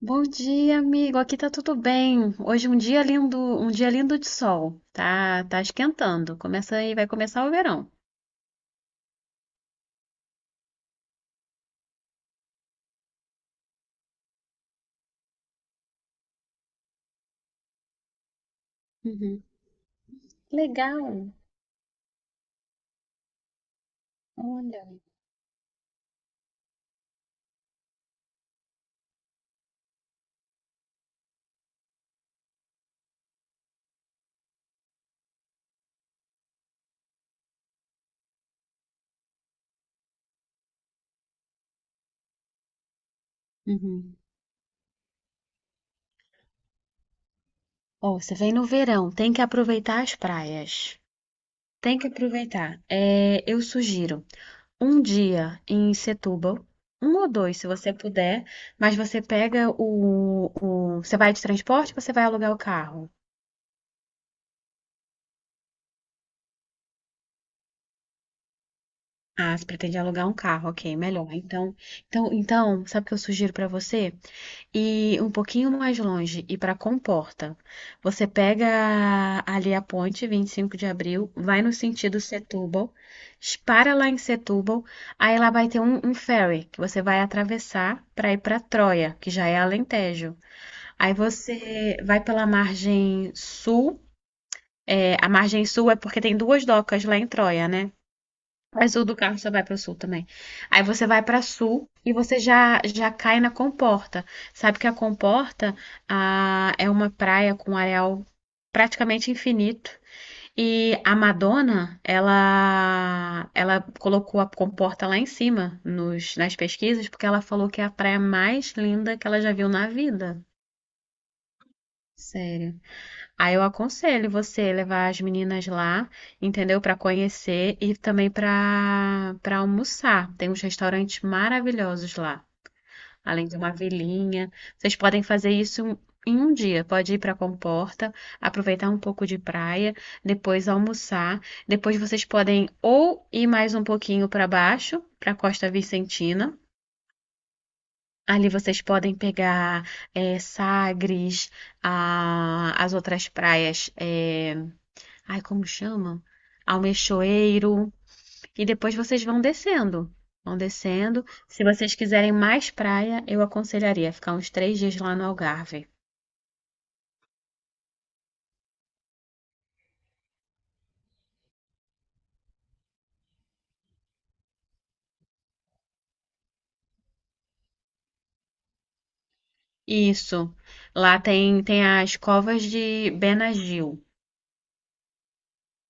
Bom dia, amigo. Aqui tá tudo bem. Hoje é um dia lindo de sol. Tá esquentando. Começa aí, vai começar o verão. Uhum. Legal. Olha. Uhum. Ó, você vem no verão, tem que aproveitar as praias. Tem que aproveitar. É, eu sugiro um dia em Setúbal, um ou dois, se você puder, mas você pega você vai de transporte, ou você vai alugar o carro. Ah, você pretende alugar um carro, ok, melhor. Então, sabe o que eu sugiro pra você? Ir um pouquinho mais longe, ir pra Comporta. Você pega ali a ponte 25 de abril, vai no sentido Setúbal, para lá em Setúbal, aí lá vai ter um ferry que você vai atravessar pra ir pra Troia, que já é Alentejo. Aí você vai pela margem sul, é, a margem sul é porque tem duas docas lá em Troia, né? Mas o do carro só vai para o sul também. Aí você vai para sul e você já já cai na Comporta. Sabe que a Comporta é uma praia com areal praticamente infinito. E a Madonna, ela colocou a Comporta lá em cima nas pesquisas porque ela falou que é a praia mais linda que ela já viu na vida. Sério. Aí eu aconselho você levar as meninas lá, entendeu? Para conhecer e também para almoçar. Tem uns restaurantes maravilhosos lá, além de uma vilinha. Vocês podem fazer isso em um dia. Pode ir para Comporta, aproveitar um pouco de praia, depois almoçar. Depois vocês podem ou ir mais um pouquinho para baixo, para Costa Vicentina. Ali vocês podem pegar Sagres, as outras praias. Ai, como chamam, Almeixoeiro. E depois vocês vão descendo. Vão descendo. Se vocês quiserem mais praia, eu aconselharia ficar uns 3 dias lá no Algarve. Isso. Lá tem, tem as covas de Benagil.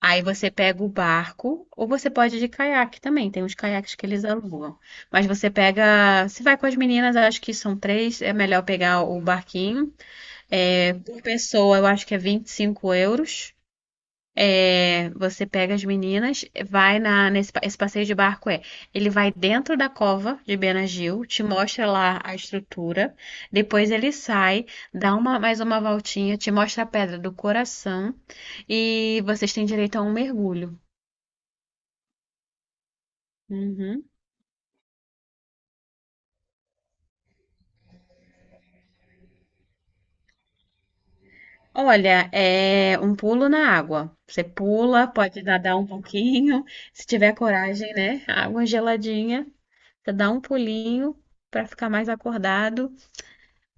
Aí você pega o barco, ou você pode ir de caiaque também. Tem uns caiaques que eles alugam. Mas você pega. Se vai com as meninas, eu acho que são três. É melhor pegar o barquinho. É, por pessoa, eu acho que é 25 euros. É, você pega as meninas, vai esse passeio de barco é, ele vai dentro da cova de Benagil, te mostra lá a estrutura, depois ele sai, dá uma voltinha, te mostra a pedra do coração e vocês têm direito a um mergulho. Uhum. Olha, é um pulo na água. Você pula, pode nadar um pouquinho, se tiver coragem, né? Água geladinha, você dá um pulinho para ficar mais acordado.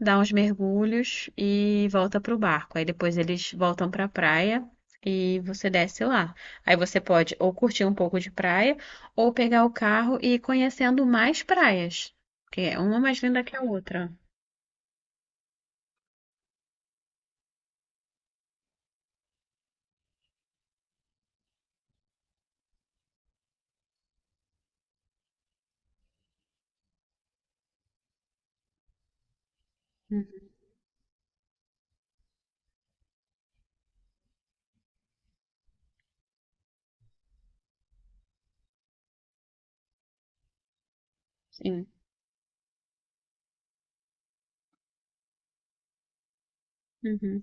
Dá uns mergulhos e volta pro barco. Aí depois eles voltam pra praia e você desce lá. Aí você pode ou curtir um pouco de praia ou pegar o carro e ir conhecendo mais praias, porque é uma mais linda que a outra. Uhum, sim. Uhum.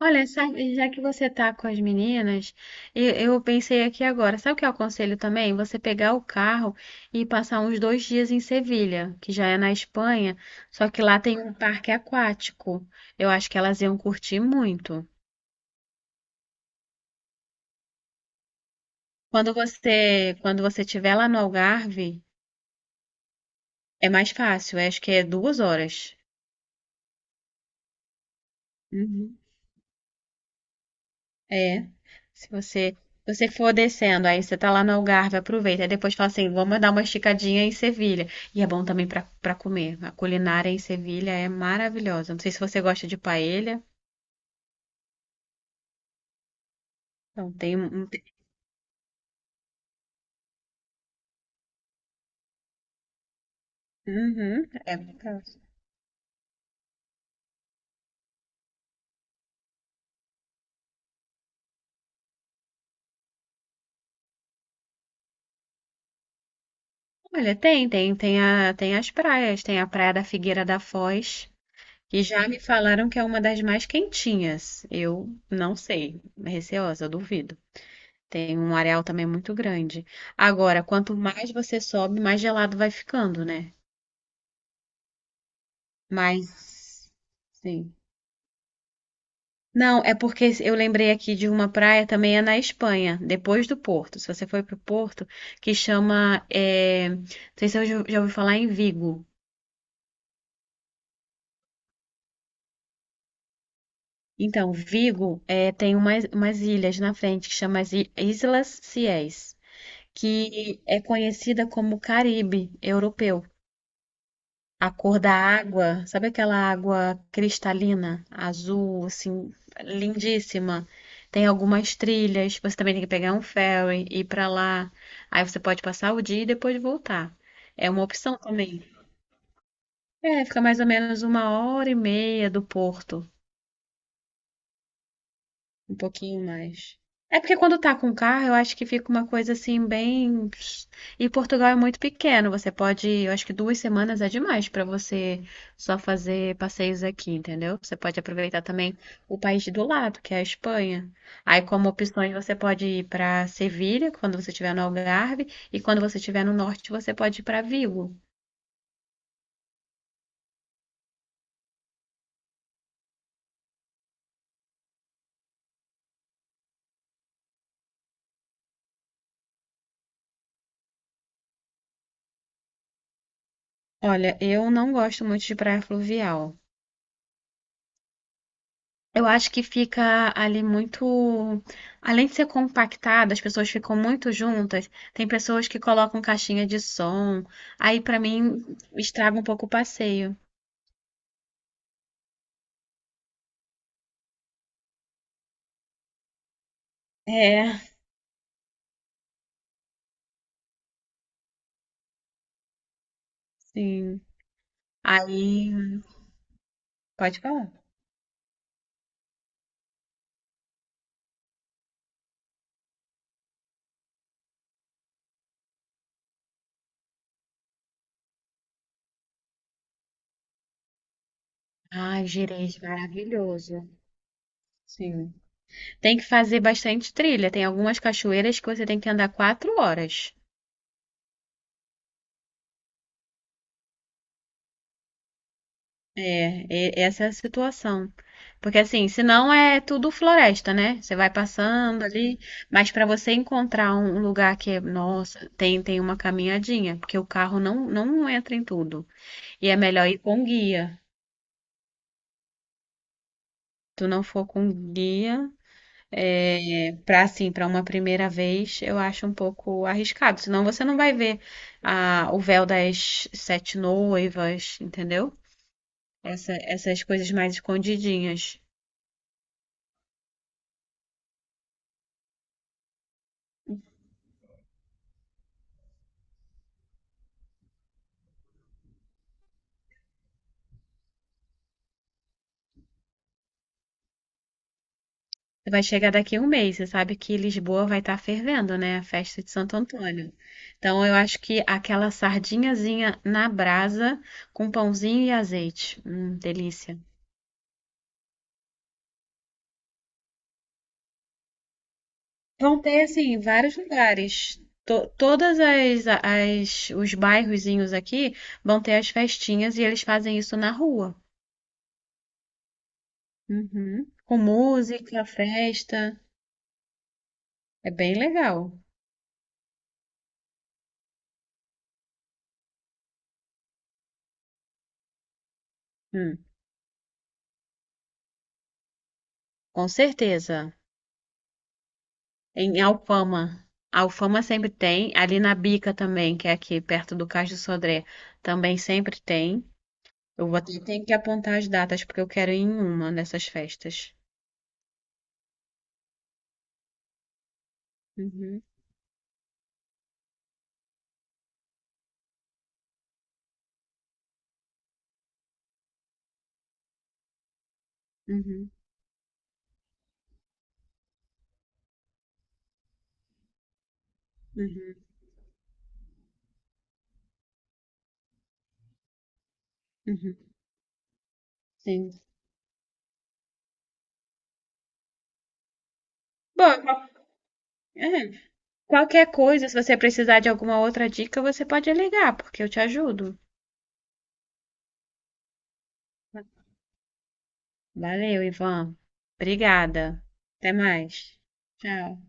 Olha, sabe- já que você tá com as meninas, eu pensei aqui agora, sabe o que eu aconselho também? Você pegar o carro e passar uns 2 dias em Sevilha, que já é na Espanha, só que lá tem um parque aquático. Eu acho que elas iam curtir muito. Quando você estiver lá no Algarve, é mais fácil, acho que é 2 horas. Uhum. É. Se você, você for descendo, aí você tá lá no Algarve, aproveita. Aí depois fala assim, vamos dar uma esticadinha em Sevilha. E é bom também pra para comer. A culinária em Sevilha é maravilhosa. Não sei se você gosta de paella. Então tem um. Uhum, é maravilhoso. Olha, tem as praias, tem a Praia da Figueira da Foz, que já me falaram que é uma das mais quentinhas. Eu não sei, receosa, duvido. Tem um areal também muito grande. Agora, quanto mais você sobe, mais gelado vai ficando, né? Mas, sim. Não, é porque eu lembrei aqui de uma praia também é na Espanha, depois do Porto. Se você for para o Porto, que chama, é, não sei se eu já ouvi falar em Vigo. Então, Vigo é, tem umas ilhas na frente que chama as Islas Ciés, que é conhecida como Caribe europeu. A cor da água, sabe aquela água cristalina, azul, assim, lindíssima? Tem algumas trilhas, você também tem que pegar um ferry, ir pra lá. Aí você pode passar o dia e depois voltar. É uma opção também. É, fica mais ou menos uma hora e meia do porto. Um pouquinho mais. É porque quando tá com carro, eu acho que fica uma coisa assim bem. E Portugal é muito pequeno, você pode, eu acho que 2 semanas é demais pra você só fazer passeios aqui, entendeu? Você pode aproveitar também o país do lado, que é a Espanha. Aí, como opções, você pode ir pra Sevilha, quando você estiver no Algarve, e quando você estiver no norte, você pode ir pra Vigo. Olha, eu não gosto muito de praia fluvial. Eu acho que fica ali muito. Além de ser compactado, as pessoas ficam muito juntas. Tem pessoas que colocam caixinha de som. Aí, pra mim, estraga um pouco o passeio. É, sim. Aí. Pode falar. Ai, Gerês, maravilhoso. Sim. Tem que fazer bastante trilha. Tem algumas cachoeiras que você tem que andar 4 horas. É, essa é a situação. Porque assim, senão é tudo floresta, né? Você vai passando ali, mas para você encontrar um lugar que é, nossa, tem uma caminhadinha, porque o carro não entra em tudo. E é melhor ir com guia. Tu não for com guia, é, para assim, para uma primeira vez, eu acho um pouco arriscado. Senão você não vai ver a, o véu das sete noivas, entendeu? Essa- essas coisas mais escondidinhas. Vai chegar daqui um mês. Você sabe que Lisboa vai estar fervendo, né? A festa de Santo Antônio. Então, eu acho que aquela sardinhazinha na brasa com pãozinho e azeite. Delícia. Vão ter, assim, vários lugares. To todas as, as- os bairrozinhos aqui vão ter as festinhas e eles fazem isso na rua. Uhum. Com música, festa. É bem legal. Hum, com certeza. Em Alfama. Alfama sempre tem. Ali na Bica também, que é aqui perto do Cais do Sodré, também sempre tem. Eu vou ter tenho que apontar as datas, porque eu quero ir em uma dessas festas. Uhum, uhum, uhum, uhum. Sim. Bom, é, qualquer coisa, se você precisar de alguma outra dica, você pode ligar, porque eu te ajudo. Valeu, Ivan. Obrigada. Até mais. Tchau.